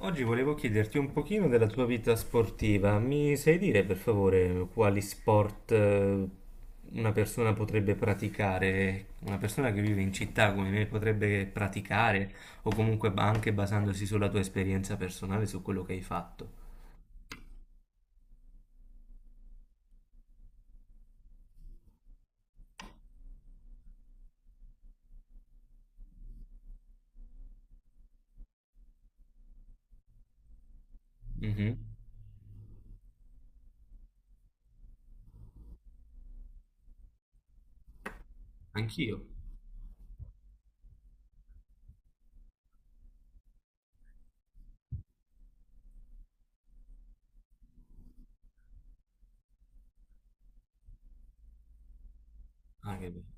Oggi volevo chiederti un pochino della tua vita sportiva. Mi sai dire per favore quali sport una persona potrebbe praticare? Una persona che vive in città come me potrebbe praticare o comunque anche basandosi sulla tua esperienza personale, su quello che hai fatto. Mhm. Anch'io. Ah, che bello.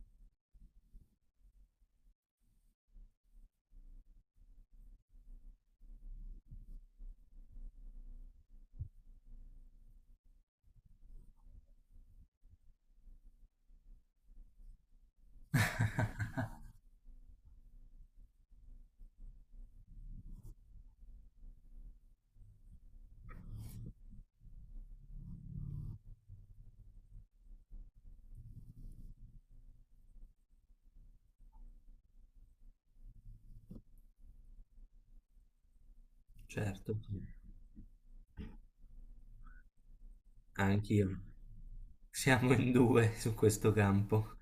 Certo, sì. Anch'io. Siamo in due su questo campo.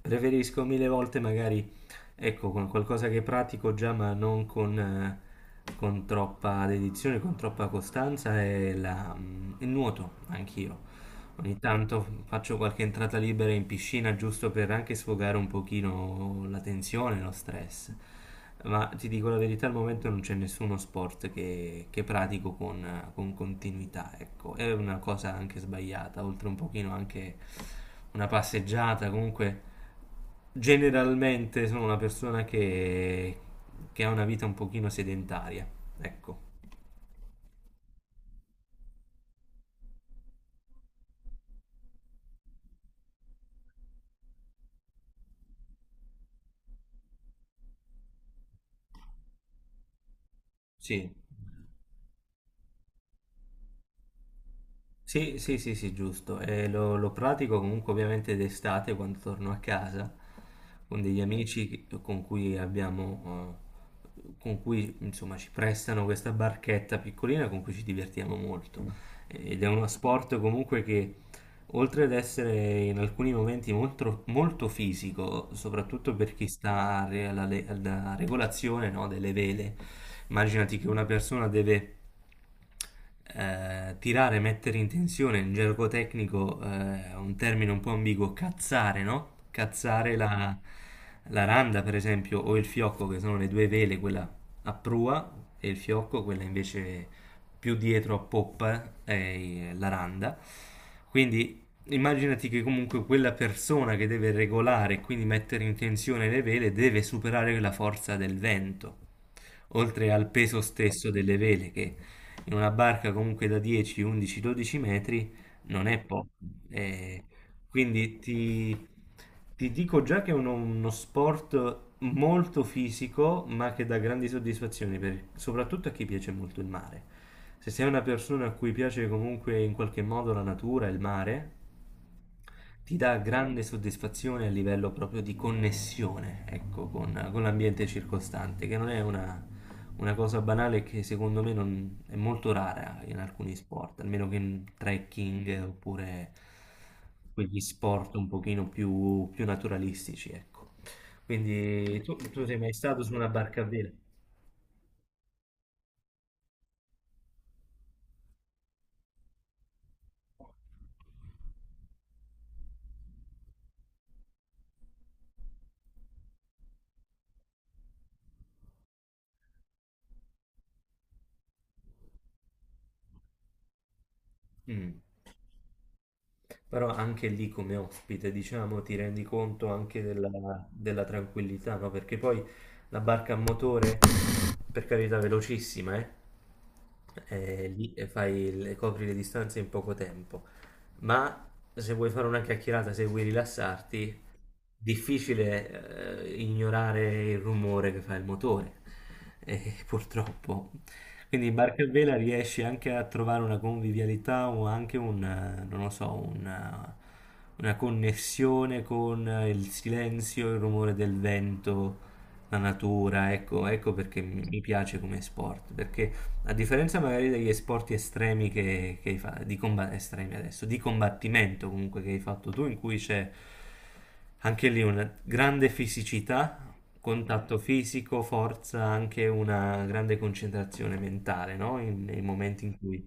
Preferisco mille volte magari, ecco, con qualcosa che pratico già, ma non con troppa dedizione, con troppa costanza, è il nuoto, anch'io. Ogni tanto faccio qualche entrata libera in piscina, giusto per anche sfogare un pochino la tensione, lo stress. Ma ti dico la verità, al momento non c'è nessuno sport che pratico con continuità, ecco. È una cosa anche sbagliata, oltre un pochino anche una passeggiata, comunque. Generalmente sono una persona che ha una vita un pochino sedentaria, ecco. Sì, sì, sì, sì, sì, giusto. E lo pratico comunque ovviamente d'estate quando torno a casa con degli amici con cui insomma ci prestano questa barchetta piccolina con cui ci divertiamo molto. Ed è uno sport comunque che Oltre ad essere in alcuni momenti molto, molto fisico, soprattutto per chi sta a re- alla, le- alla regolazione, no, delle vele, immaginati che una persona deve tirare, mettere in tensione, in gergo tecnico, un termine un po' ambiguo, cazzare, no? Cazzare la randa, per esempio, o il fiocco, che sono le due vele, quella a prua, e il fiocco, quella invece più dietro a poppa, è la randa. Quindi, immaginati che comunque quella persona che deve regolare e quindi mettere in tensione le vele deve superare la forza del vento, oltre al peso stesso delle vele, che in una barca comunque da 10, 11, 12 metri non è poco. Eh, quindi ti dico già che è uno sport molto fisico, ma che dà grandi soddisfazioni, soprattutto a chi piace molto il mare. Se sei una persona a cui piace comunque in qualche modo la natura e il mare, ti dà grande soddisfazione a livello proprio di connessione, ecco, con l'ambiente circostante, che non è una cosa banale, che secondo me è molto rara in alcuni sport, almeno che in trekking oppure quegli sport un pochino più naturalistici, ecco. Quindi tu sei mai stato su una barca a vela? Mm. Però anche lì, come ospite, diciamo, ti rendi conto anche della tranquillità, no? Perché poi la barca a motore, per carità, velocissima, eh? Lì e fai, copri le distanze in poco tempo, ma se vuoi fare una chiacchierata, se vuoi rilassarti, difficile ignorare il rumore che fa il motore, purtroppo. Quindi in barca a vela riesci anche a trovare una convivialità, o anche non lo so, una connessione con il silenzio, il rumore del vento, la natura. Ecco, ecco perché mi piace come sport, perché a differenza magari degli sport estremi che hai fatto, estremi, adesso, di combattimento comunque che hai fatto tu, in cui c'è anche lì una grande fisicità, contatto fisico, forza, anche una grande concentrazione mentale, no? Nei momenti in cui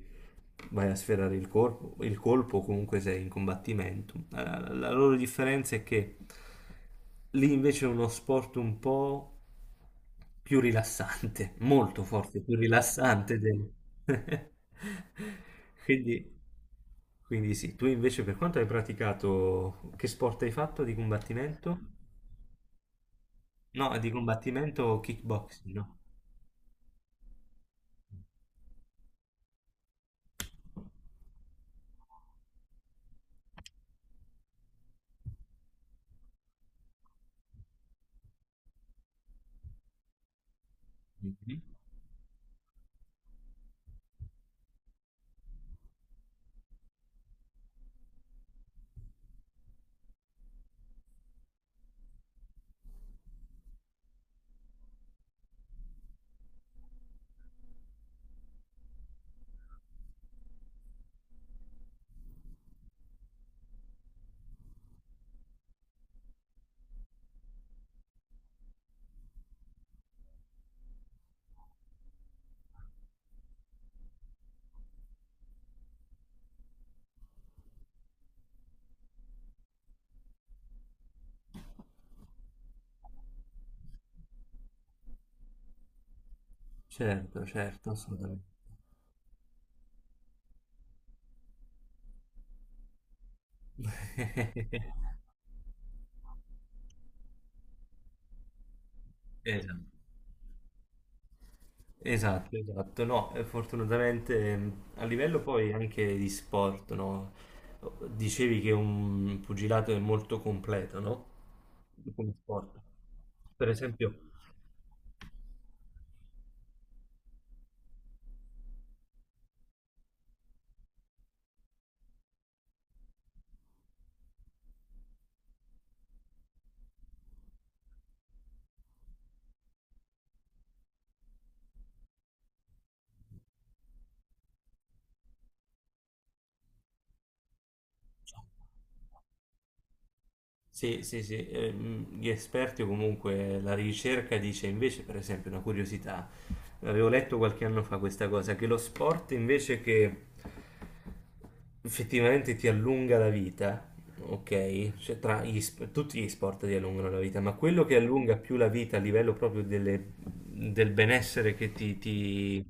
vai a sferrare il corpo, il colpo, o comunque sei in combattimento. La loro differenza è che lì invece è uno sport un po' più rilassante, molto forte, più rilassante del... Quindi, quindi, sì, tu invece, per quanto hai praticato, che sport hai fatto di combattimento? No, di combattimento kickboxing, no? Mhm. Certo, certo, assolutamente. Esatto. Esatto, esatto, no, fortunatamente, a livello poi anche di sport, no? Dicevi che un pugilato è molto completo, no? Come sport. Per esempio. Sì, sì, sì, gli esperti o comunque la ricerca dice invece, per esempio, una curiosità, avevo letto qualche anno fa questa cosa, che lo sport invece che effettivamente ti allunga la vita, ok? Cioè, tra gli tutti gli sport ti allungano la vita, ma quello che allunga più la vita a livello proprio del benessere che ti, ti-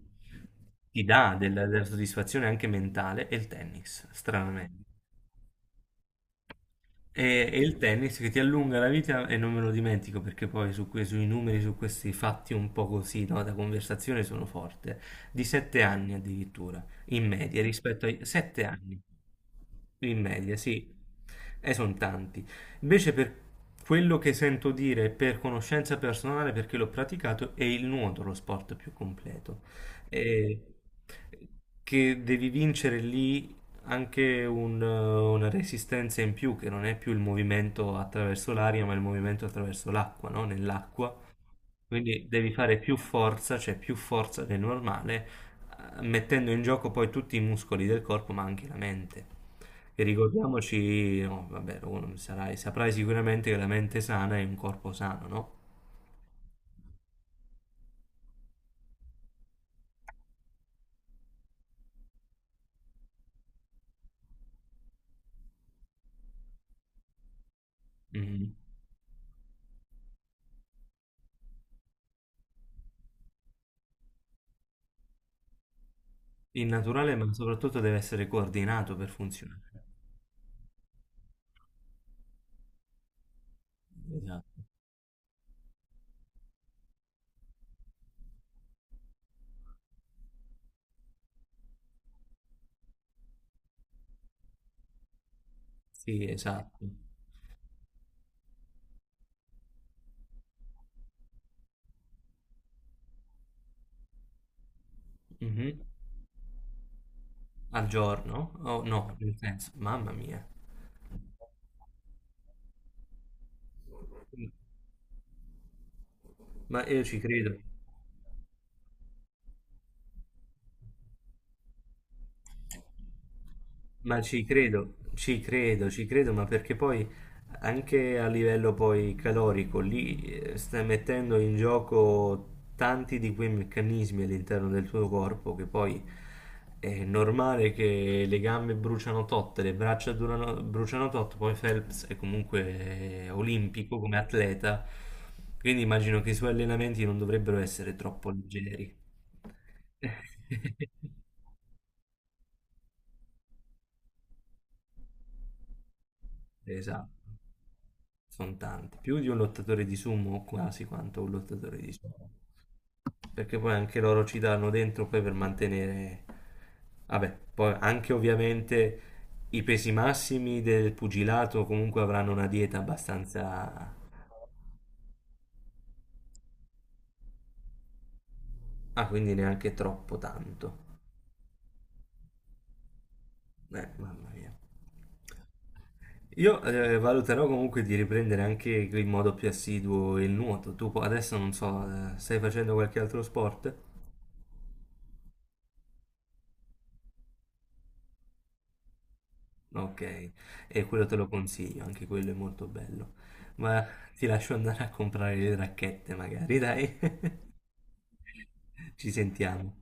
ti dà, della soddisfazione anche mentale, è il tennis, stranamente. E il tennis che ti allunga la vita, e non me lo dimentico perché poi su sui numeri, su questi fatti un po' così, no, da conversazione sono forte. Di 7 anni addirittura, in media, rispetto ai 7 anni. In media, sì, e sono tanti. Invece, per quello che sento dire, per conoscenza personale, perché l'ho praticato, è il nuoto lo sport più completo. E che devi vincere lì anche una resistenza in più, che non è più il movimento attraverso l'aria, ma il movimento attraverso l'acqua, no? Nell'acqua. Quindi devi fare più forza, cioè più forza del normale, mettendo in gioco poi tutti i muscoli del corpo, ma anche la mente. E ricordiamoci, no, vabbè, uno saprai sicuramente che la mente sana è un corpo sano, no? Mm. Il naturale, ma soprattutto deve essere coordinato per funzionare. Esatto. Sì, esatto. Mhm. Al giorno? Oh, no, nel senso, mamma mia. Ma io ci credo. Ma ci credo, ci credo, ci credo, ma perché poi anche a livello poi calorico lì stai mettendo in gioco tanti di quei meccanismi all'interno del tuo corpo, che poi è normale che le gambe bruciano tot, le braccia bruciano tot, poi Phelps è comunque olimpico come atleta, quindi immagino che i suoi allenamenti non dovrebbero essere troppo leggeri. Esatto. Sono tanti, più di un lottatore di sumo, o quasi quanto un lottatore di sumo. Perché poi anche loro ci danno dentro poi per mantenere... Vabbè, poi anche ovviamente i pesi massimi del pugilato comunque avranno una dieta abbastanza... Ah, quindi neanche troppo tanto. Mamma mia. Io valuterò comunque di riprendere anche in modo più assiduo il nuoto. Tu adesso non so, stai facendo qualche altro sport? Ok, e quello te lo consiglio, anche quello è molto bello. Ma ti lascio andare a comprare le racchette magari, dai. Ci sentiamo.